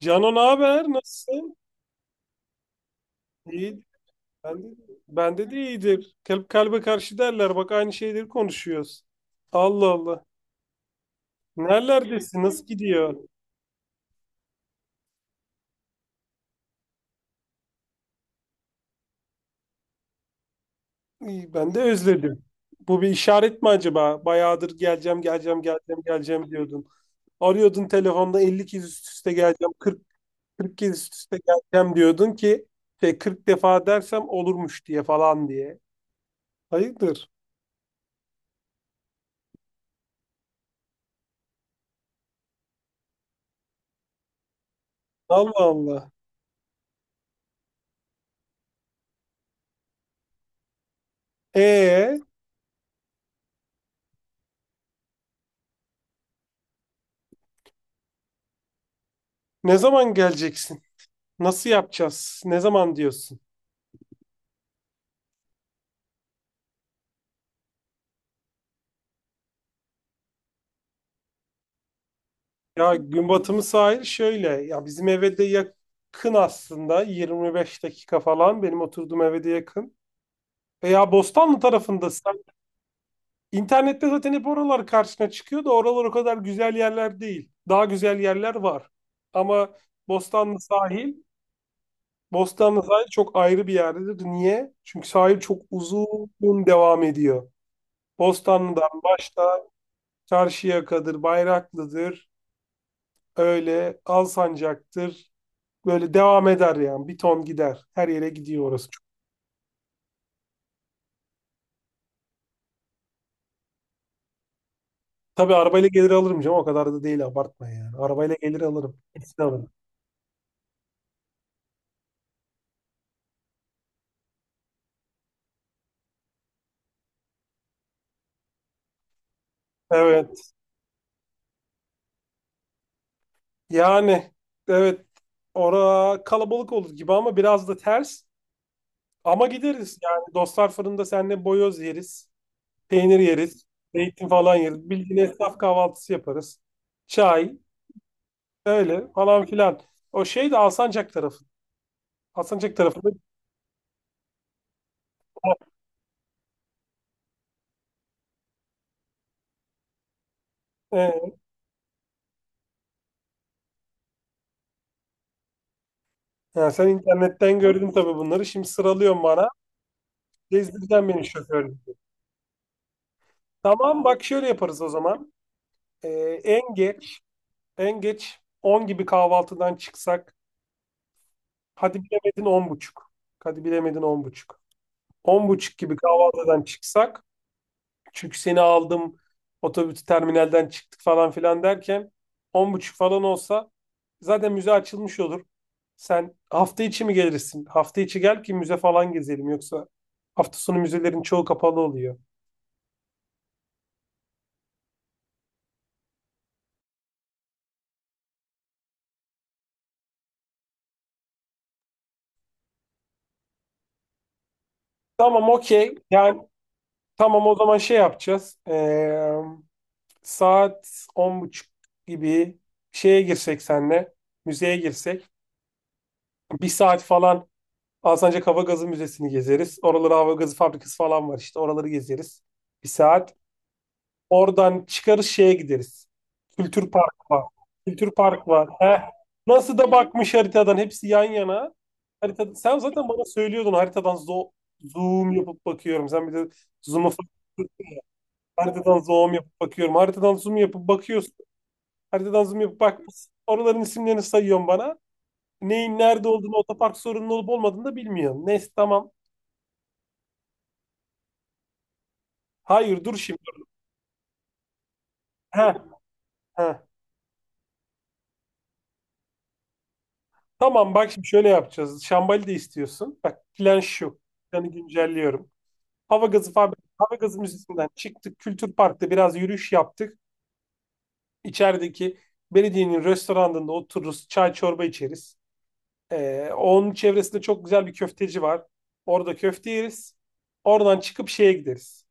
Cano ne haber? Nasılsın? İyi. Ben de, ben de iyidir. Kalp kalbe karşı derler. Bak aynı şeyleri konuşuyoruz. Allah Allah. Nerelerdesin? Nasıl gidiyor? İyi, ben de özledim. Bu bir işaret mi acaba? Bayağıdır geleceğim, geleceğim, geleceğim, geleceğim diyordun. Arıyordun telefonda 50 kez üst üste geleceğim, 40, 40 kez üst üste geleceğim diyordun ki 40 defa dersem olurmuş diye falan diye. Hayırdır? Allah Allah. E Ne zaman geleceksin? Nasıl yapacağız? Ne zaman diyorsun? Ya gün batımı sahil şöyle. Ya bizim eve de yakın aslında. 25 dakika falan. Benim oturduğum eve de yakın. Veya Bostanlı tarafındasın. İnternette zaten hep oralar karşına çıkıyor da oralar o kadar güzel yerler değil. Daha güzel yerler var. Ama Bostanlı sahil, Bostanlı sahil çok ayrı bir yerdedir. Niye? Çünkü sahil çok uzun devam ediyor. Bostanlı'dan başla, Çarşıyaka'dır, Bayraklı'dır. Öyle Alsancak'tır. Böyle devam eder yani. Bir ton gider. Her yere gidiyor orası. Tabii arabayla gelir alırım canım. O kadar da değil, abartma yani. Arabayla gelir alırım. Kesin alırım. Evet. Yani evet. Ora kalabalık olur gibi ama biraz da ters. Ama gideriz. Yani dostlar fırında seninle boyoz yeriz. Peynir yeriz. Zeytin falan yeriz. Bildiğin esnaf kahvaltısı yaparız. Çay. Öyle falan filan. O şey de Alsancak tarafı. Alsancak tarafında. e, Ya sen internetten gördün tabii bunları. Şimdi sıralıyorsun bana. Gezdireceksin beni, şoförlük. Tamam bak, şöyle yaparız o zaman. Ee, en geç en geç 10 gibi kahvaltıdan çıksak. Hadi bilemedin 10 buçuk. Hadi bilemedin 10 buçuk. 10 buçuk gibi kahvaltıdan çıksak. Çünkü seni aldım, otobüs terminalden çıktık falan filan derken 10 buçuk falan olsa zaten müze açılmış olur. Sen hafta içi mi gelirsin? Hafta içi gel ki müze falan gezelim, yoksa hafta sonu müzelerin çoğu kapalı oluyor. Tamam, okey. Yani tamam, o zaman şey yapacağız. Saat 10 buçuk gibi şeye girsek senle müzeye girsek, bir saat falan Alsancak Hava Gazı Müzesi'ni gezeriz. Oralara hava gazı fabrikası falan var işte. Oraları gezeriz. Bir saat. Oradan çıkarız, şeye gideriz. Kültür Park var. Kültür Park var. Heh. Nasıl da bakmış haritadan. Hepsi yan yana. Harita, sen zaten bana söylüyordun, haritadan zoom yapıp bakıyorum. Sen bir de zoom'u fa- haritadan zoom yapıp bakıyorum. Haritadan zoom yapıp bakıyorsun. Haritadan zoom yapıp bakmışsın. Oraların isimlerini sayıyorsun bana. Neyin nerede olduğunu, otopark sorunun olup olmadığını da bilmiyorsun. Neyse, tamam. Hayır dur şimdi. Heh, heh. Tamam bak şimdi, şöyle yapacağız. Şambali de istiyorsun. Bak, plan şu. Planı güncelliyorum. Hava gazı müzesinden çıktık. Kültür Park'ta biraz yürüyüş yaptık. İçerideki belediyenin restoranında otururuz. Çay çorba içeriz. Onun çevresinde çok güzel bir köfteci var. Orada köfte yeriz. Oradan çıkıp şeye gideriz.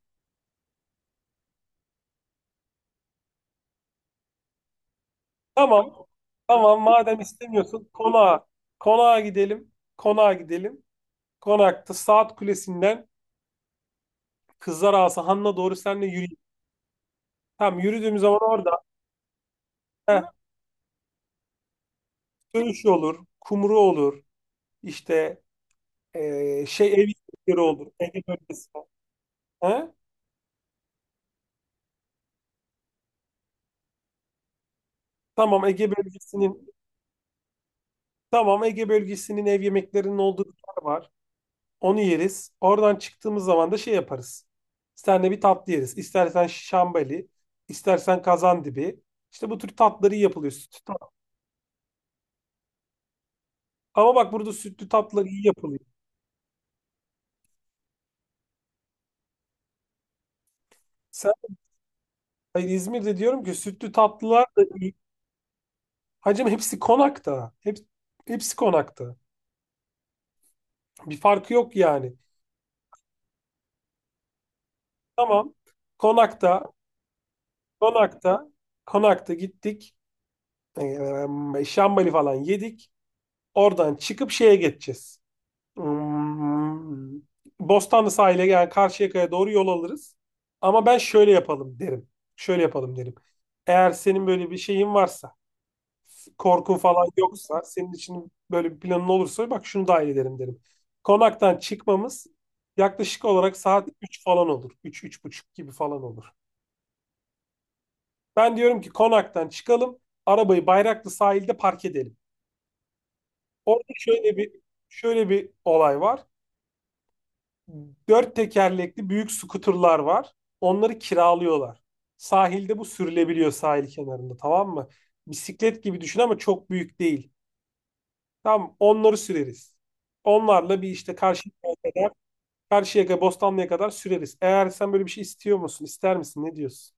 Tamam. Tamam, madem istemiyorsun konağa. Konağa gidelim. Konağa gidelim. Konakta saat kulesinden Kızlar Asahan'la doğru senle yürüyeyim, tam yürüdüğüm zaman orada heh, dövüş olur, kumru olur, işte ev yemekleri olur, Ege bölgesi. He? Tamam Ege bölgesinin tamam, Ege bölgesinin ev yemeklerinin olduğu bir yer var. Onu yeriz. Oradan çıktığımız zaman da şey yaparız. Senle bir tatlı yeriz. İstersen şambali, istersen kazandibi. İşte bu tür tatları iyi yapılıyor. Ama bak, burada sütlü tatlılar iyi yapılıyor. Sen, hayır, İzmir'de diyorum ki, sütlü tatlılar da iyi. Hacım hepsi konakta. Hepsi konakta. Bir farkı yok yani. Tamam. Konakta, konakta, Konakta gittik. Şambali falan yedik. Oradan çıkıp şeye geçeceğiz. Hmm, Bostanlı sahile, yani Karşıyaka'ya doğru yol alırız. Ama ben şöyle yapalım derim. Şöyle yapalım derim. Eğer senin böyle bir şeyin varsa, korku falan yoksa, senin için böyle bir planın olursa bak şunu dahil ederim derim. Konaktan çıkmamız yaklaşık olarak saat 3 falan olur. Üç, üç buçuk gibi falan olur. Ben diyorum ki konaktan çıkalım, arabayı Bayraklı sahilde park edelim. Orada şöyle bir olay var. Dört tekerlekli büyük skuterlar var. Onları kiralıyorlar. Sahilde bu sürülebiliyor, sahil kenarında, tamam mı? Bisiklet gibi düşün ama çok büyük değil. Tamam, onları süreriz. Onlarla bir işte Karşıyaka'ya kadar, Karşıyaka, Bostanlı'ya kadar süreriz. Eğer sen böyle bir şey istiyor musun, ister misin, ne diyorsun?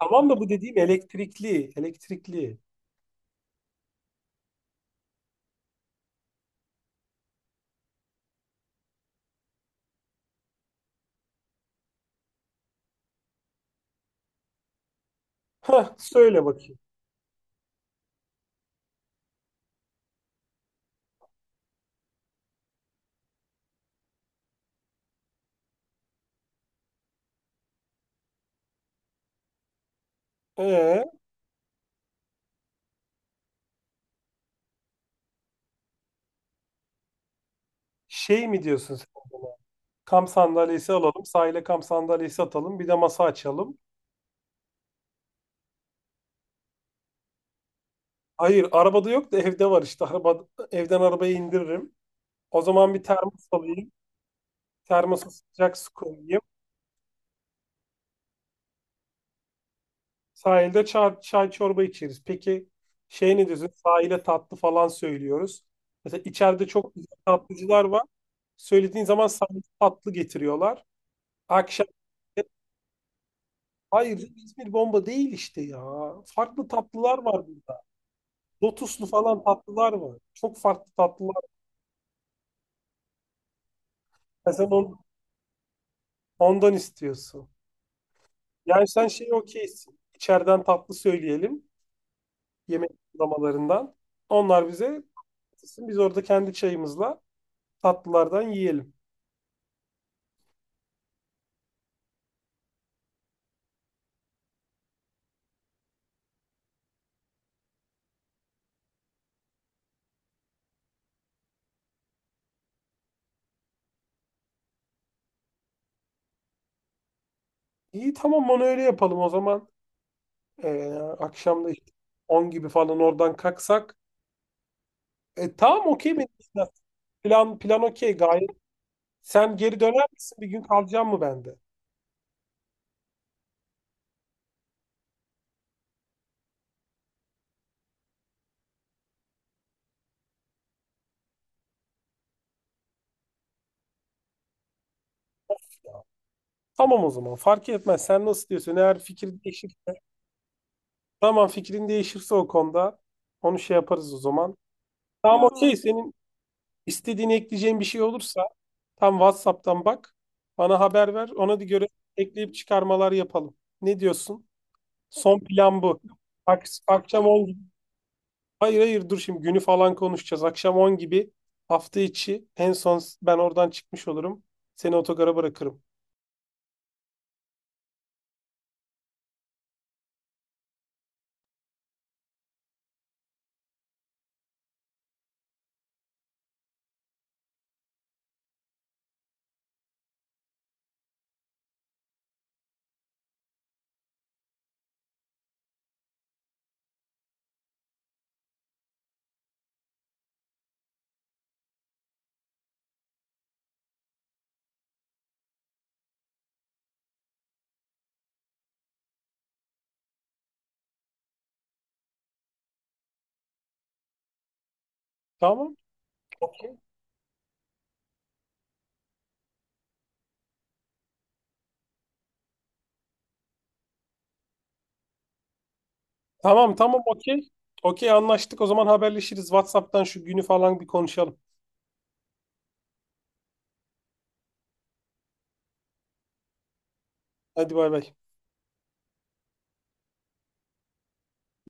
Tamam da bu dediğim elektrikli, elektrikli. Hah, söyle bakayım. Ee, şey mi diyorsun sen? Kamp sandalyesi alalım, sahile kamp sandalyesi atalım, bir de masa açalım. Hayır, arabada yok da evde var işte. Evden arabaya indiririm. O zaman bir termos alayım. Termosa sıcak su koyayım. Sahilde çay çorba içeriz. Peki, ne diyorsun? Sahile tatlı falan söylüyoruz. Mesela içeride çok güzel tatlıcılar var. Söylediğin zaman sahilde tatlı getiriyorlar. Akşam hayır canım, İzmir bomba değil işte ya. Farklı tatlılar var burada. Lotuslu falan tatlılar var. Çok farklı tatlılar var. Ya sen ondan istiyorsun. Yani sen okeysin. İçeriden tatlı söyleyelim. Yemek uygulamalarından. Onlar bize katılsın. Biz orada kendi çayımızla tatlılardan yiyelim. İyi, tamam, onu öyle yapalım o zaman. Ee, akşam da işte 10 gibi falan oradan kalksak. Tamam, okey benim için. Plan okey gayet. Sen geri döner misin? Bir gün kalacağım mı bende? Tamam o zaman, fark etmez. Sen nasıl diyorsun? Eğer fikir değişir. Tamam, fikrin değişirse o konuda onu şey yaparız o zaman. Tamam, okey, senin istediğini ekleyeceğin bir şey olursa tam WhatsApp'tan bak. Bana haber ver. Ona da göre ekleyip çıkarmalar yapalım. Ne diyorsun? Son plan bu. Akşam 10. Hayır, hayır, dur şimdi, günü falan konuşacağız. Akşam 10 gibi hafta içi en son ben oradan çıkmış olurum. Seni otogara bırakırım. Tamam. Tamam, tamam, okey. Okey, anlaştık. O zaman haberleşiriz. WhatsApp'tan şu günü falan bir konuşalım. Hadi, bay bay.